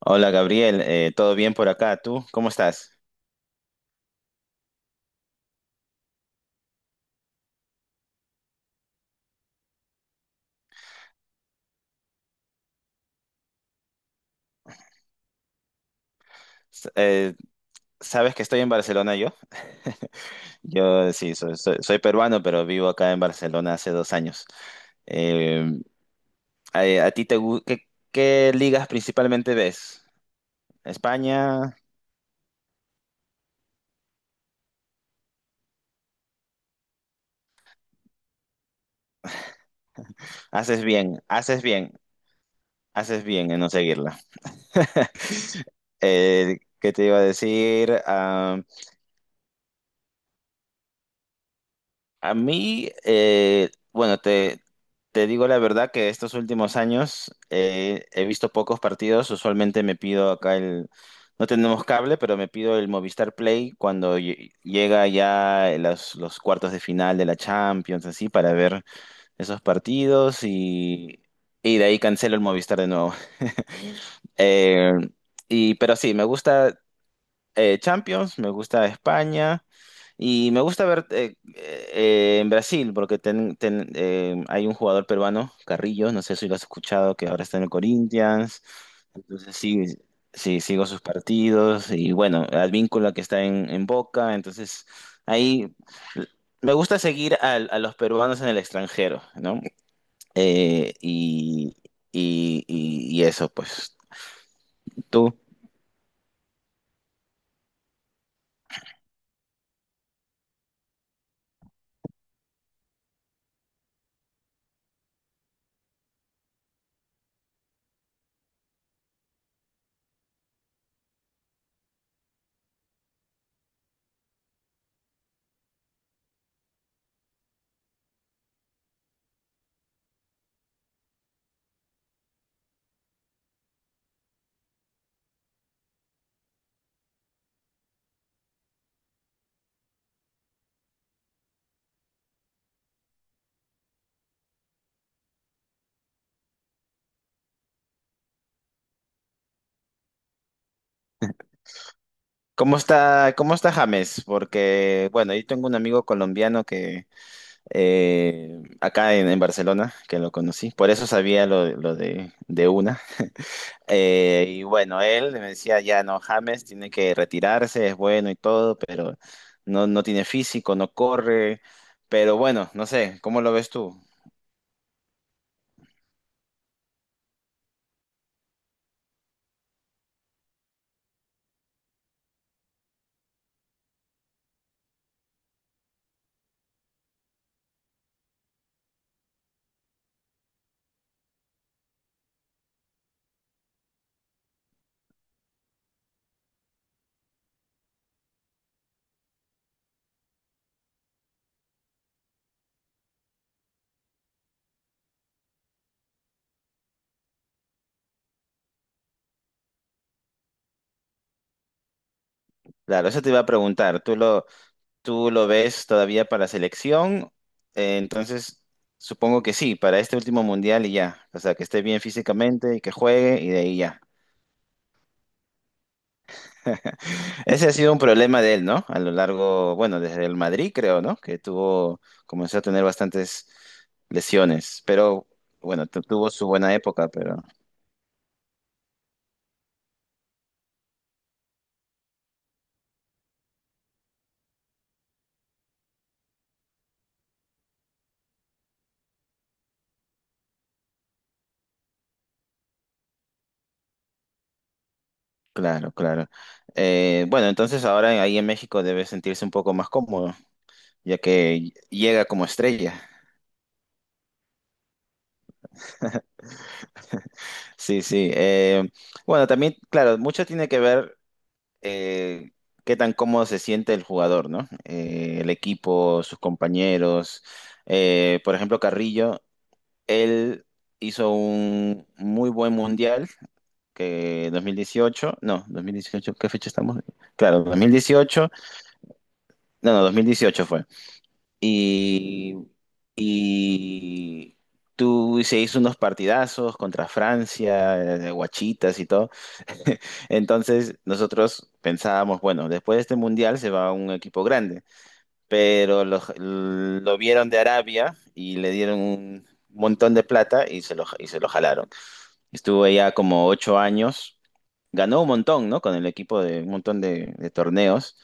Hola Gabriel. ¿Todo bien por acá? ¿Tú cómo estás? S- eh, ¿Sabes que estoy en Barcelona yo? Yo sí, soy, soy peruano, pero vivo acá en Barcelona hace 2 años. Em, a ti qué ligas principalmente ves? España, haces bien, haces bien, haces bien en no seguirla. ¿Qué te iba a decir? A mí, bueno, te digo la verdad que estos últimos años he visto pocos partidos. Usualmente me pido acá No tenemos cable, pero me pido el Movistar Play cuando llega ya los cuartos de final de la Champions, así, para ver esos partidos y de ahí cancelo el Movistar de nuevo. Eh, pero sí, me gusta Champions, me gusta España y me gusta ver en Brasil porque hay un jugador peruano, Carrillo, no sé si lo has escuchado, que ahora está en el Corinthians. Entonces sí, sí, sigo sus partidos y bueno, Advíncula que está en Boca. Entonces ahí me gusta seguir a los peruanos en el extranjero, ¿no? Eh, y, y eso, pues. ¿Tú? Cómo está James? Porque, bueno, yo tengo un amigo colombiano que acá en Barcelona, que lo conocí, por eso sabía lo de una. Y bueno, él me decía, ya no, James tiene que retirarse, es bueno y todo, pero no, no tiene físico, no corre, pero bueno, no sé, ¿cómo lo ves tú? Claro, eso te iba a preguntar, ¿tú lo ves todavía para selección? Eh, entonces, Supongo que sí, para este último mundial y ya. O sea, que esté bien físicamente y que juegue y de ahí ya. Ese ha sido un problema de él, ¿no? A lo largo, bueno, desde el Madrid creo, ¿no? Que tuvo, comenzó a tener bastantes lesiones, pero bueno, tuvo su buena época, pero claro, claro. Bueno, entonces ahora ahí en México debe sentirse un poco más cómodo, ya que llega como estrella. Sí, sí. Bueno, también, claro, mucho tiene que ver eh, qué tan cómodo se siente el jugador, ¿no? El equipo, sus compañeros. Por ejemplo, Carrillo, él hizo un muy buen mundial, que 2018. No, 2018. ¿Qué fecha estamos? Claro, 2018. No, no, 2018 fue. Y, y tú se hizo unos partidazos contra Francia, guachitas y todo. Entonces nosotros pensábamos, bueno, después de este mundial se va un equipo grande, pero lo vieron de Arabia y le dieron un montón de plata y se lo, se lo jalaron. Estuvo allá como 8 años. Ganó un montón, ¿no? Con el equipo de un montón de torneos,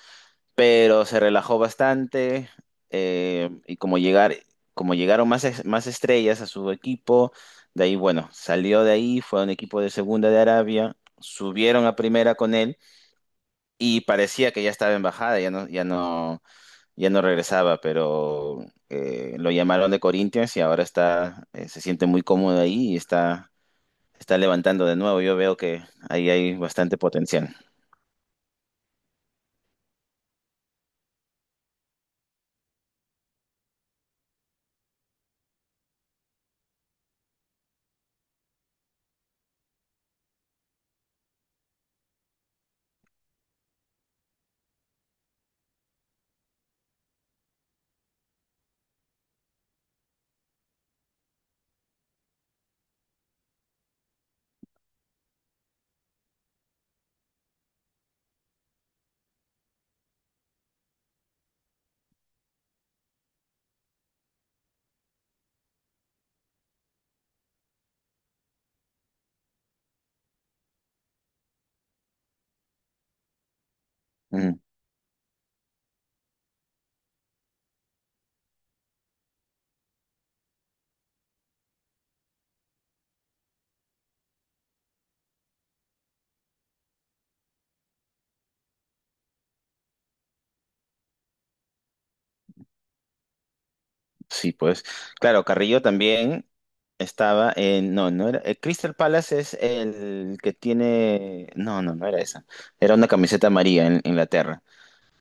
pero se relajó bastante eh, y como llegar, como llegaron más, más estrellas a su equipo, de ahí, bueno, salió de ahí, fue a un equipo de segunda de Arabia, subieron a primera con él y parecía que ya estaba en bajada, ya no, ya no, ya no regresaba, pero lo llamaron de Corinthians y ahora está, se siente muy cómodo ahí y está levantando de nuevo. Yo veo que ahí hay bastante potencial. Mm, sí, pues. Claro, Carrillo también estaba en. No, no era. Crystal Palace es el que tiene. No, no, no era esa. Era una camiseta amarilla en Inglaterra.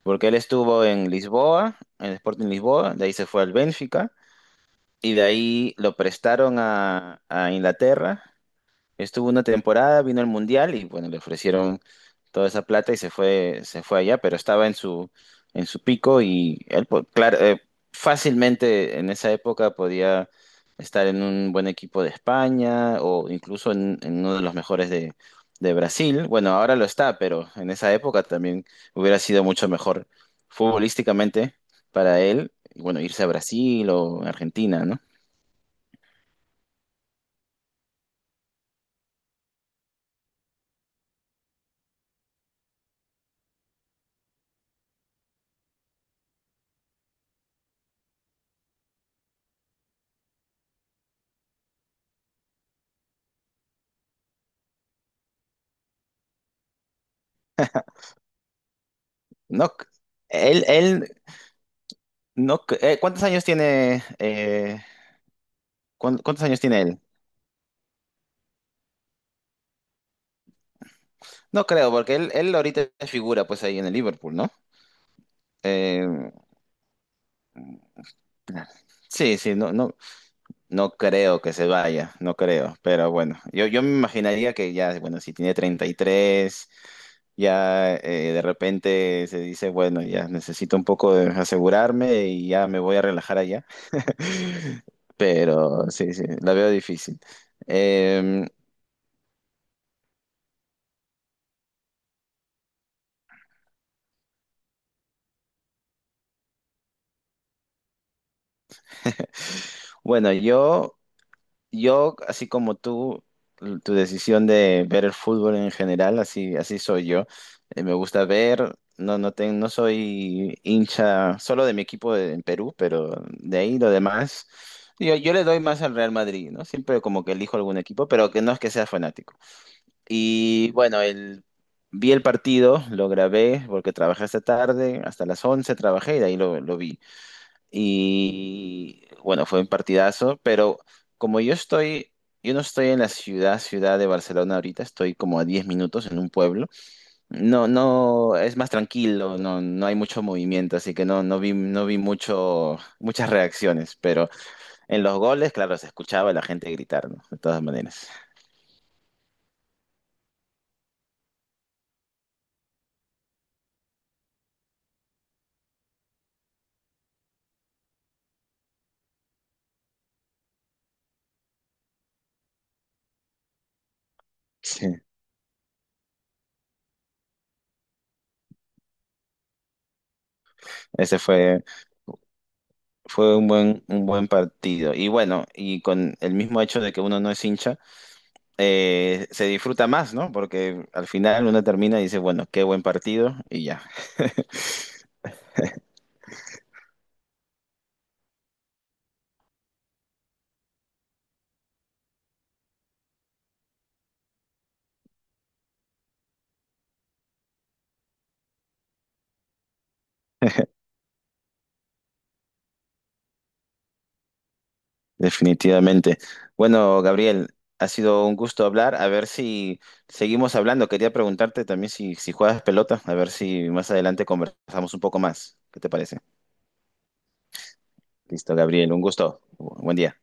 Porque él estuvo en Lisboa, en el Sporting Lisboa, de ahí se fue al Benfica, y de ahí lo prestaron a Inglaterra. Estuvo una temporada, vino al Mundial y bueno, le ofrecieron toda esa plata y se fue allá, pero estaba en en su pico y él, claro, fácilmente en esa época podía estar en un buen equipo de España o incluso en uno de los mejores de Brasil. Bueno, ahora lo está, pero en esa época también hubiera sido mucho mejor futbolísticamente para él, y bueno, irse a Brasil o Argentina, ¿no? No, él no, ¿cuántos años tiene, cuántos años tiene él? No creo, porque él ahorita figura pues ahí en el Liverpool, ¿no? Eh, sí, sí, no, no, no creo que se vaya, no creo, pero bueno, yo me imaginaría que ya, bueno, si tiene 33 ya de repente se dice, bueno, ya necesito un poco de asegurarme y ya me voy a relajar allá. Pero sí, sí, la veo difícil. Em, bueno, yo... Yo, así como tú, tu decisión de ver el fútbol en general, así, así soy yo. Me gusta ver, no, no, no soy hincha solo de mi equipo en Perú, pero de ahí lo demás. Yo le doy más al Real Madrid, ¿no? Siempre como que elijo algún equipo, pero que no es que sea fanático. Y bueno, el, Vi el partido, lo grabé porque trabajé hasta tarde, hasta las 11 trabajé y de ahí lo vi. Y bueno, fue un partidazo, pero como yo estoy, yo no estoy en la ciudad, ciudad de Barcelona ahorita, estoy como a 10 minutos en un pueblo. No, no, es más tranquilo, no, no hay mucho movimiento, así que no, no vi, no vi mucho, muchas reacciones, pero en los goles, claro, se escuchaba a la gente gritar, ¿no? De todas maneras. Sí, ese fue, fue un buen partido. Y bueno, y con el mismo hecho de que uno no es hincha, se disfruta más, ¿no? Porque al final uno termina y dice, bueno, qué buen partido y ya. Definitivamente. Bueno, Gabriel, ha sido un gusto hablar. A ver si seguimos hablando. Quería preguntarte también si, si juegas pelota, a ver si más adelante conversamos un poco más. ¿Qué te parece? Listo, Gabriel, un gusto. Buen día.